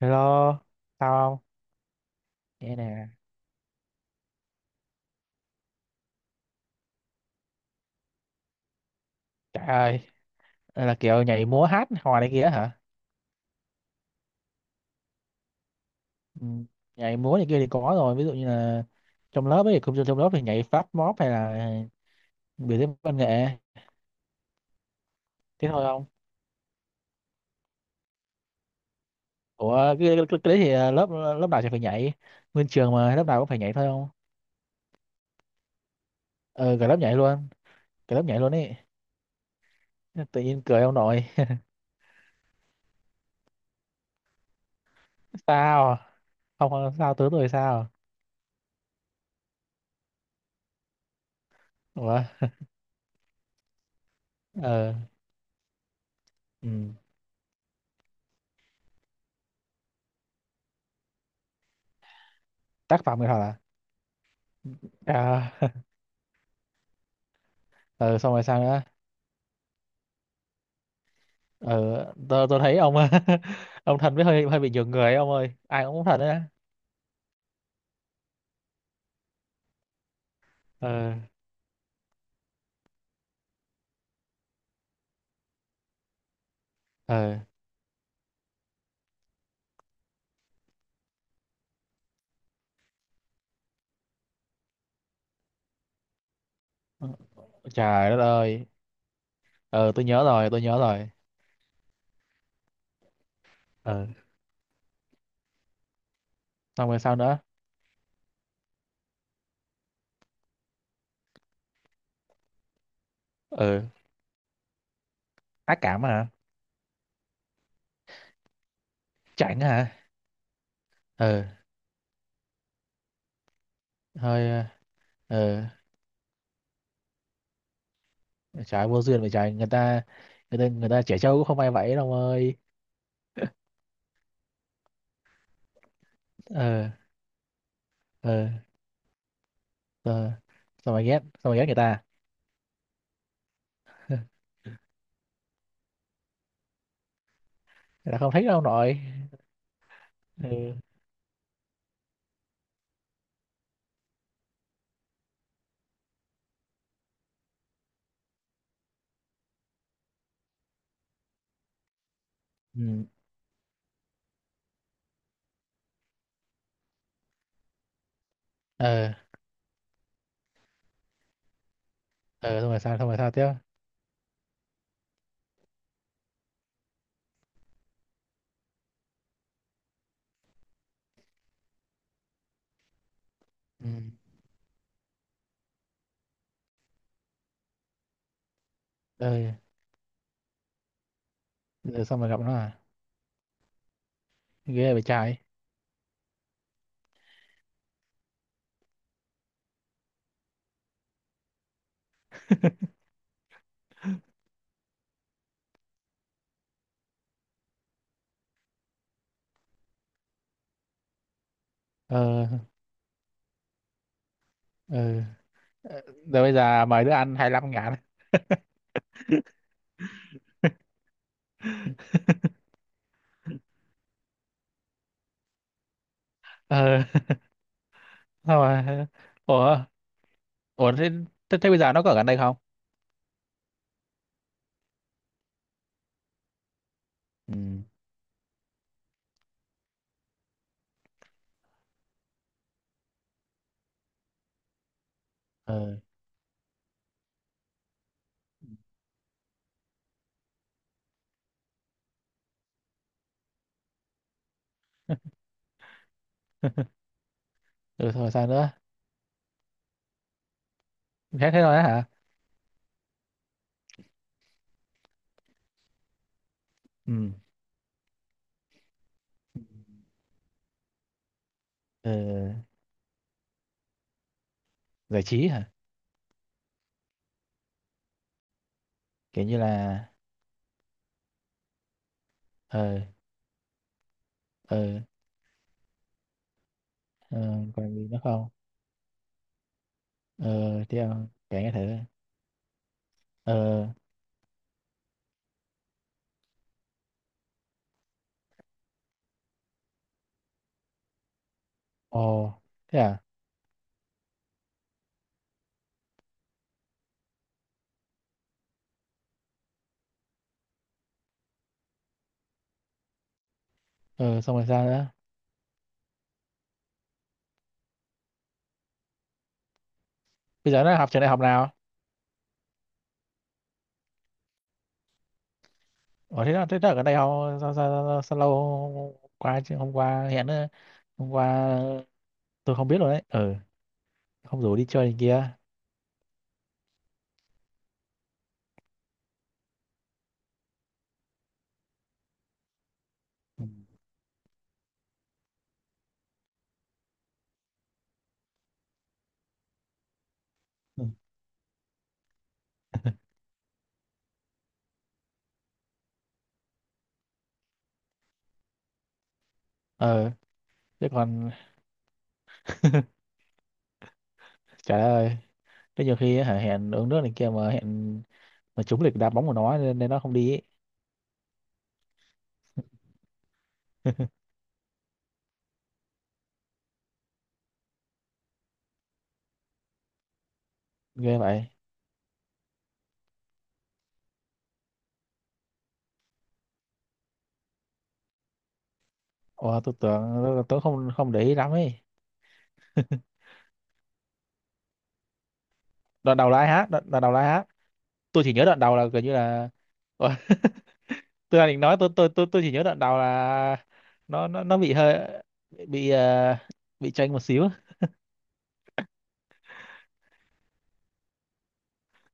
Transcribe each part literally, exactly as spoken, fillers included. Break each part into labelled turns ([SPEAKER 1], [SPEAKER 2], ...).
[SPEAKER 1] Hello, sao không? Nghe nè, trời ơi, đây là kiểu nhảy múa hát hò này kia hả? Ừ. Nhảy múa này kia thì có rồi, ví dụ như là trong lớp ấy, không trong lớp thì nhảy Fast Mob hay là biểu diễn văn nghệ, thế thôi không? Ủa, cái, cái, cái đấy thì à, lớp lớp nào thì phải nhảy, nguyên trường mà lớp nào cũng phải nhảy thôi không? Ừ, cả lớp nhảy luôn, cả lớp nhảy luôn ấy, tự nhiên cười ông nội. Sao? Không, không, sao tướng rồi sao? Ủa, ờ, ừ. Tác phẩm nghệ thuật à? À, ừ, xong rồi sao nữa? Ờ, tôi tôi thấy ông. Ông Thành với hơi hơi bị nhường người ấy, ông ơi, ai cũng muốn Thành đấy á. Ờ, ờ, trời đất ơi. Ờ, tôi nhớ rồi, tôi nhớ rồi. Ờ, xong rồi sao nữa? Ờ, ác cảm hả? Chảnh hả? Ờ, hơi, ờ, trời vô duyên vậy trời, người ta, người ta, người ta trẻ trâu cũng không ai vậy đâu ông ơi. Ờ, ờ, ờ, sao mà ghét, sao mà ghét người ta, người ta không thích đâu ông nội. Ừ, ừ, ờ, ờ, xong rồi sao, xong rồi sao tiếp? Ừ, ờ, rồi xong rồi gặp nó à? Ghê vậy trời. Ờ, ừ. Ờ, rồi bây giờ mời đứa ăn hai lăm ngàn. Ờ, sao mà, ủa, ủa thế, thế, thế bây giờ nó có ở gần đây không? Ừ, ờ. Ừ, thôi sao nữa? Thế thế thôi á hả? Ừ, ờ, giải trí hả? Kiểu như là, ờ, ờ, ờ, còn gì nữa không? Ờ, tiếp, kể nghe thử. Ờ, ồ, thế à? Ờ, xong rồi sao nữa? Bây giờ nó học trường đại học nào? Ủa, thế là, thế là ở đây họ sao, sao, sao, sao lâu, hôm qua chứ, hôm qua hẹn nữa. Hôm qua tôi không biết rồi đấy, ừ. Không rủ đi chơi này kia? Ừ. Ừ. Ờ, chứ còn. Trời ơi, thế nhiều khi hả, hẹn uống nước này kia mà hẹn mà trúng lịch đá bóng của nó nên, nên nó không đi ấy. Ghê vậy. Ủa, tôi tưởng tôi tôi không không để ý lắm ấy. Đoạn đầu là ai hát, đoạn, đoạn đầu là ai hát? Tôi chỉ nhớ đoạn đầu là gần như là, ủa, tôi đang định nói, tôi tôi tôi tôi chỉ nhớ đoạn đầu là nó nó nó bị hơi bị, ờ, bị chênh một xíu.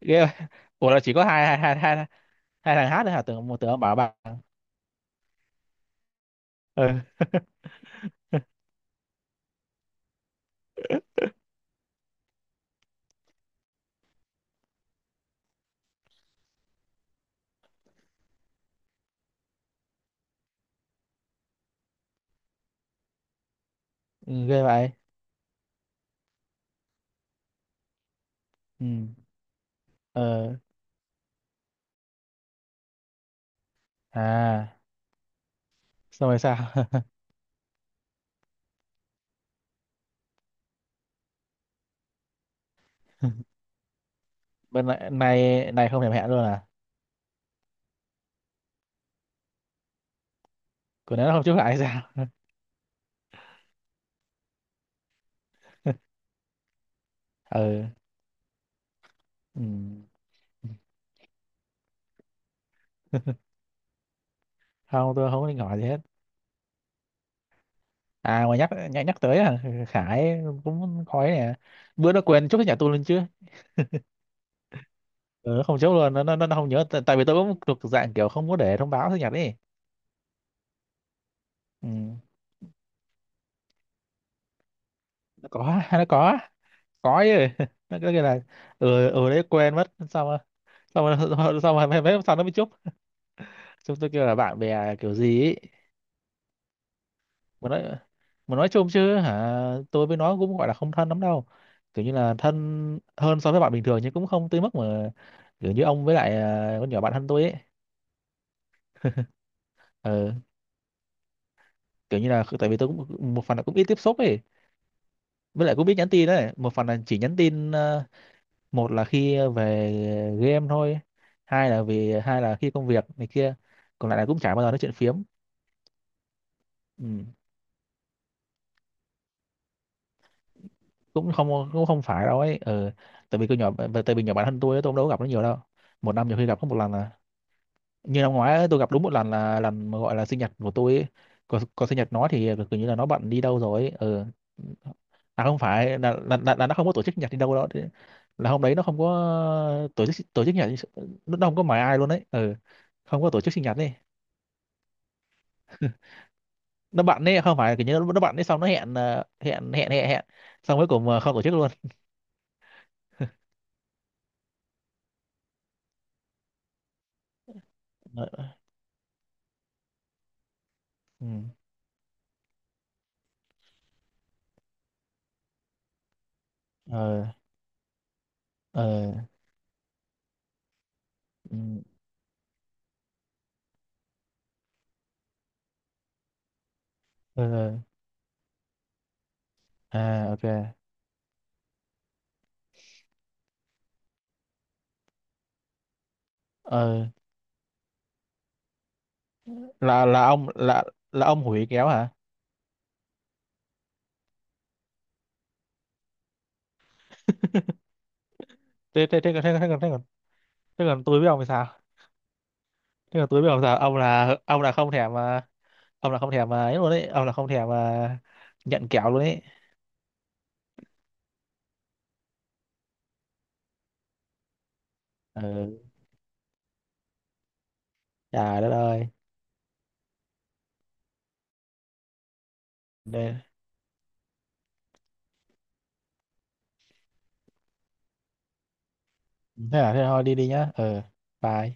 [SPEAKER 1] Ghê vậy. Ủa, là chỉ có hai hai hai hai hai thằng hát thôi hả, tưởng một, tưởng ông bảo bạn. Ừ. Ừ, ghê vậy. Ừ, ờ, à, xong rồi sao? Bên này này này không thèm hẹn luôn à? Của nó không chúc lại hay sao? Ừ, ừ. Không, tôi không có định hỏi gì hết. À, mà nhắc nhắc nhắc tới, à, Khải cũng khói nè, bữa nó quên chúc cái nhà tôi lên chứ. Ừ, không chốt luôn, nó nó nó không nhớ, tại, tại vì tôi cũng thuộc dạng kiểu không có để thông báo sinh nhật ấy. Ừ. Nó có, nó có có chứ. Nó cứ kêu là ừ ừ đấy, quên mất, xong rồi, xong rồi. Xong rồi, xong rồi mấy, mấy hôm sau nó mới chúc. Chúng tôi kêu là bạn bè kiểu gì ấy. Mà nói, mà nói chung chứ hả, tôi với nó cũng gọi là không thân lắm đâu, kiểu như là thân hơn so với bạn bình thường nhưng cũng không tới mức mà kiểu như ông với lại, à, con nhỏ bạn thân tôi ấy. Ừ. Kiểu như là, tại vì tôi cũng một phần là cũng ít tiếp xúc ấy, với lại cũng biết nhắn tin đấy, một phần là chỉ nhắn tin, ờ, một là khi về game thôi, hai là vì, hai là khi công việc này kia, còn lại là cũng chả bao giờ nói chuyện phiếm. Ừ. Cũng không, cũng không phải đâu ấy, ừ. Tại vì tôi nhỏ, tại vì nhỏ bản thân tôi ấy, tôi cũng đâu có gặp nó nhiều đâu, một năm nhiều khi gặp có một lần à. Như năm ngoái ấy, tôi gặp đúng một lần là lần mà gọi là sinh nhật của tôi ấy. Còn, còn sinh nhật nó thì kiểu như là nó bận đi đâu rồi ấy. Ừ. À, không phải là, là, là, là nó không có tổ chức sinh nhật đi đâu đó. Thế là hôm đấy nó không có, ờ, tổ chức, tổ chức sinh nhật, nó nó không có mời ai luôn đấy, ừ. Không có tổ chức sinh nhật đi, nó bận đấy, không phải kiểu như nó, nó bận đấy xong nó hẹn, ờ, hẹn, hẹn hẹn hẹn xong cuối cùng, ờ, không tổ chức luôn. Ờ, ừ. Ờ, ờ, ừ. Ờ, ờ, à, ok. Ờ, là, là ông là, là ông hủy kéo hả? Thế thế thế thế thế thế còn, thế, thế còn tôi biết ông thì sao? Thế còn tôi biết ông sao, ông là, ông là không thèm mà, ông là không thèm mà ấy luôn đấy, ông là không thèm mà nhận kẹo luôn ấy. Ừ, trời đất ơi. Đây. Thế là thế thôi đi đi nhá, ừ, bye.